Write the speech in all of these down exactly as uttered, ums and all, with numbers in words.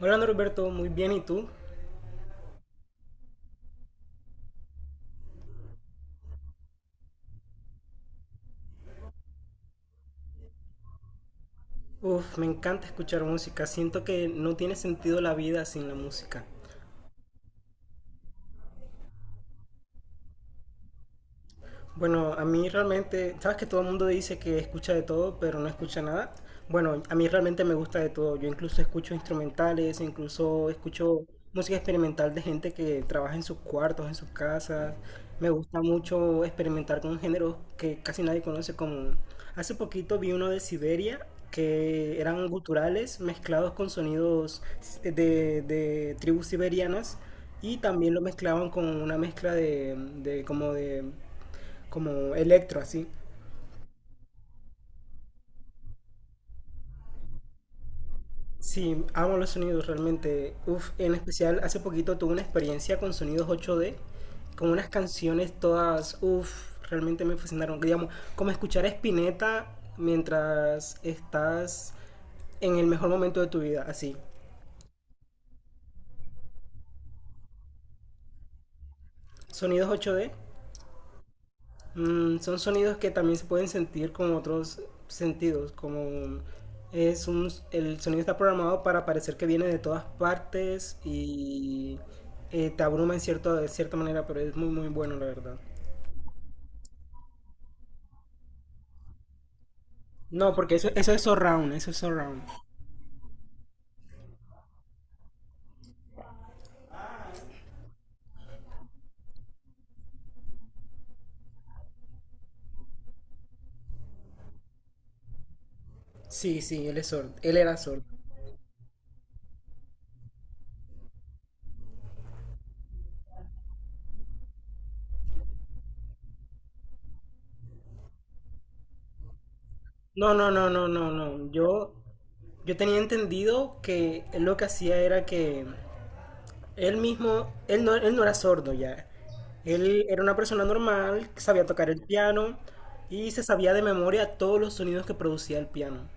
Hola Norberto, muy bien, ¿y tú? Uf, me encanta escuchar música, siento que no tiene sentido la vida sin la música. Bueno, a mí realmente, sabes que todo el mundo dice que escucha de todo, pero no escucha nada. Bueno, a mí realmente me gusta de todo. Yo incluso escucho instrumentales, incluso escucho música experimental de gente que trabaja en sus cuartos, en sus casas. Me gusta mucho experimentar con géneros que casi nadie conoce, como hace poquito vi uno de Siberia que eran guturales mezclados con sonidos de, de tribus siberianas, y también lo mezclaban con una mezcla de, de como de como electro así. Sí, amo los sonidos realmente. Uf, en especial hace poquito tuve una experiencia con sonidos ocho D, con unas canciones todas, uf, realmente me fascinaron. Digamos, como escuchar a Spinetta mientras estás en el mejor momento de tu vida, así. Sonidos ocho D. Mm, son sonidos que también se pueden sentir con otros sentidos, como es un, el sonido está programado para parecer que viene de todas partes y eh, te abruma en cierto, de cierta manera, pero es muy muy bueno la verdad. No, porque eso, eso es surround, eso es surround. Sí, sí, él es sordo, él era sordo. No, no, no, no, no, no. Yo, yo tenía entendido que él lo que hacía era que él mismo, él no, él no era sordo ya. Él era una persona normal, que sabía tocar el piano y se sabía de memoria todos los sonidos que producía el piano.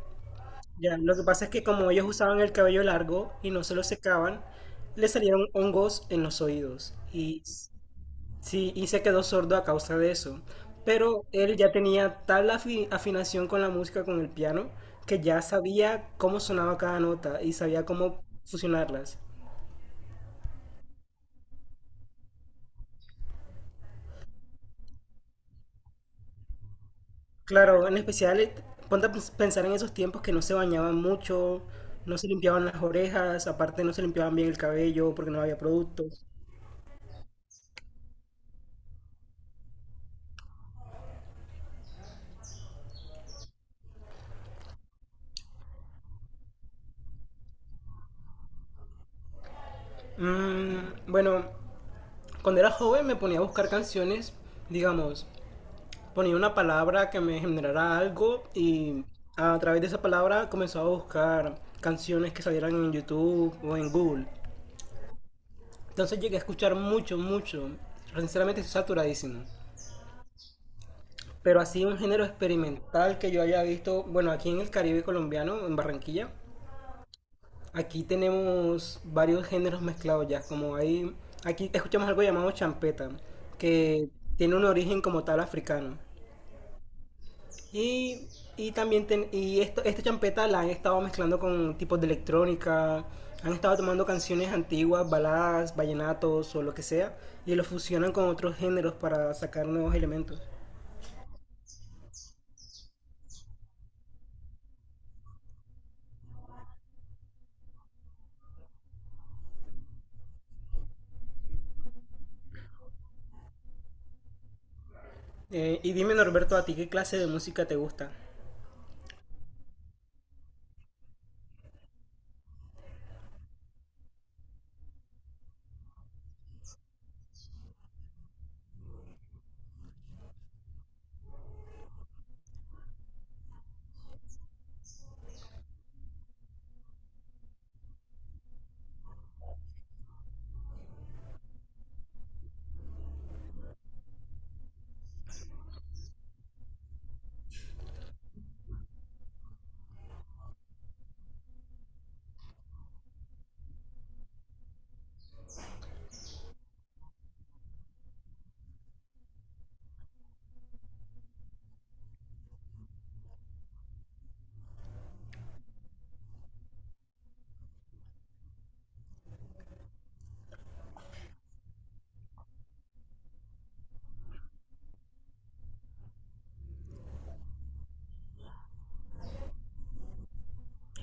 Ya, lo que pasa es que como ellos usaban el cabello largo y no se lo secaban, le salieron hongos en los oídos y s- sí, y se quedó sordo a causa de eso. Pero él ya tenía tal afi- afinación con la música, con el piano, que ya sabía cómo sonaba cada nota y sabía cómo fusionarlas. Claro, en especial, eh, ponte a pens- pensar en esos tiempos que no se bañaban mucho, no se limpiaban las orejas, aparte no se limpiaban bien el cabello porque no había productos. Mm, bueno, cuando era joven me ponía a buscar canciones, digamos, ponía una palabra que me generara algo y a través de esa palabra comenzaba a buscar canciones que salieran en YouTube o en Google. Entonces llegué a escuchar mucho, mucho. Sinceramente estoy saturadísimo. Pero así un género experimental que yo haya visto, bueno, aquí en el Caribe colombiano, en Barranquilla, aquí tenemos varios géneros mezclados ya, como hay, aquí escuchamos algo llamado champeta, que tiene un origen como tal africano. Y, y también, ten- y esto, esta champeta la han estado mezclando con tipos de electrónica, han estado tomando canciones antiguas, baladas, vallenatos o lo que sea, y lo fusionan con otros géneros para sacar nuevos elementos. Eh, y dime Norberto, ¿a ti qué clase de música te gusta?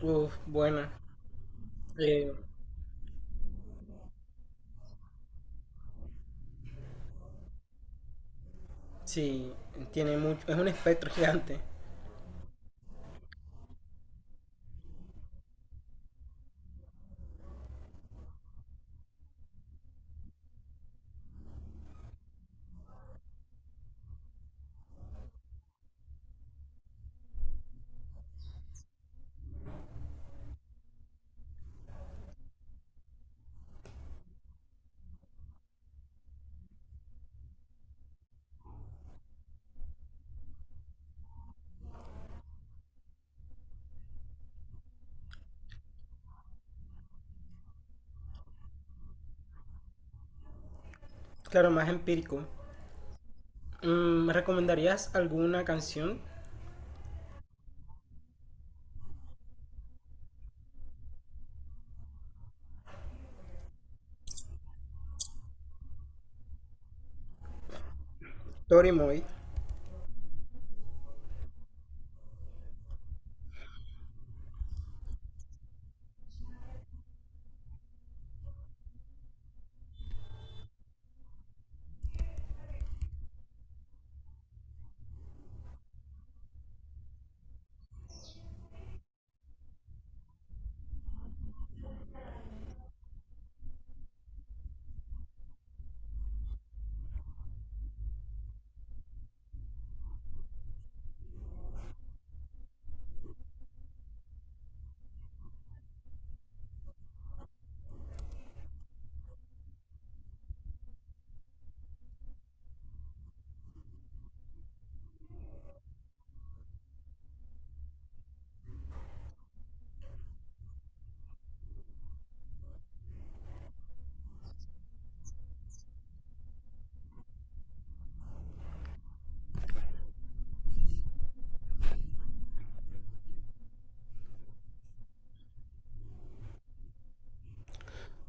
Uf, buena. Eh, sí, tiene mucho. Es un espectro gigante. Claro, más empírico. Mm, ¿me recomendarías alguna canción? Tori Moy.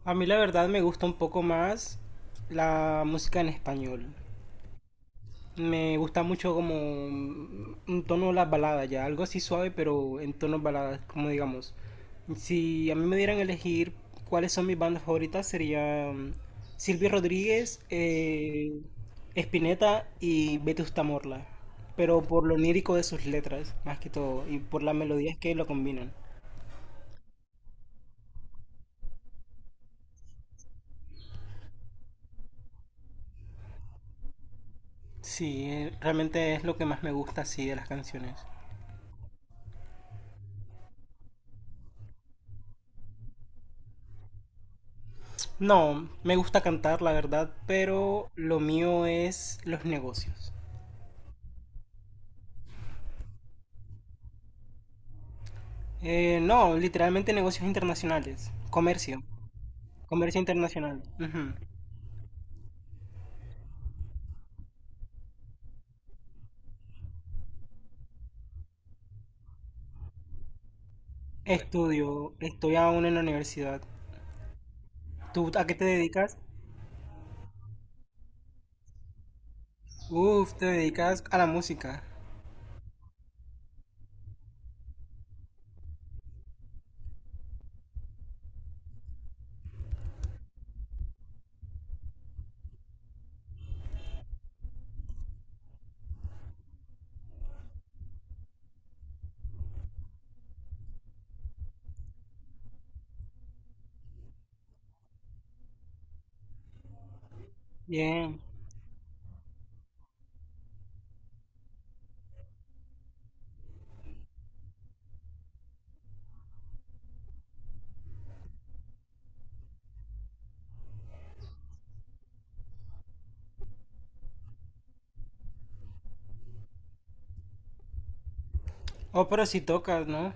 A mí la verdad me gusta un poco más la música en español. Me gusta mucho como un tono de las baladas ya, algo así suave pero en tonos baladas, como digamos. Si a mí me dieran a elegir cuáles son mis bandas favoritas sería mm, Silvio Rodríguez, eh, Spinetta y Vetusta Morla, pero por lo lírico de sus letras más que todo y por las melodías que lo combinan. Sí, eh, realmente es lo que más me gusta así de las canciones. No, me gusta cantar, la verdad, pero lo mío es los negocios. Eh, no, literalmente negocios internacionales, comercio, comercio internacional. Ujú. Estudio, estoy aún en la universidad. ¿Tú a qué te dedicas? Uf, te dedicas a la música. Bien. Oh, pero si tocas, ¿no?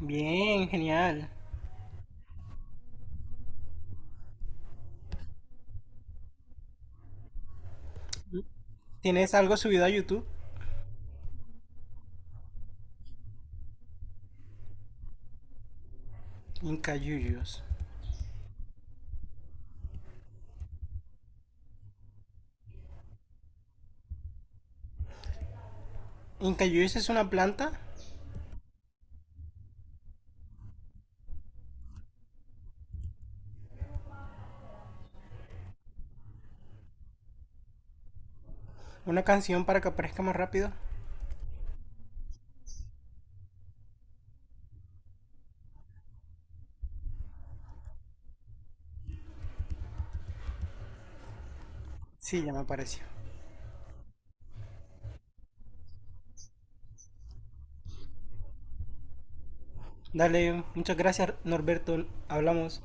Bien, genial. ¿Tienes algo subido a YouTube? Incayuyos. ¿Incayuyos es una planta? ¿Una canción para que aparezca más rápido? Sí, ya me apareció. Dale, muchas gracias, Norberto. Hablamos.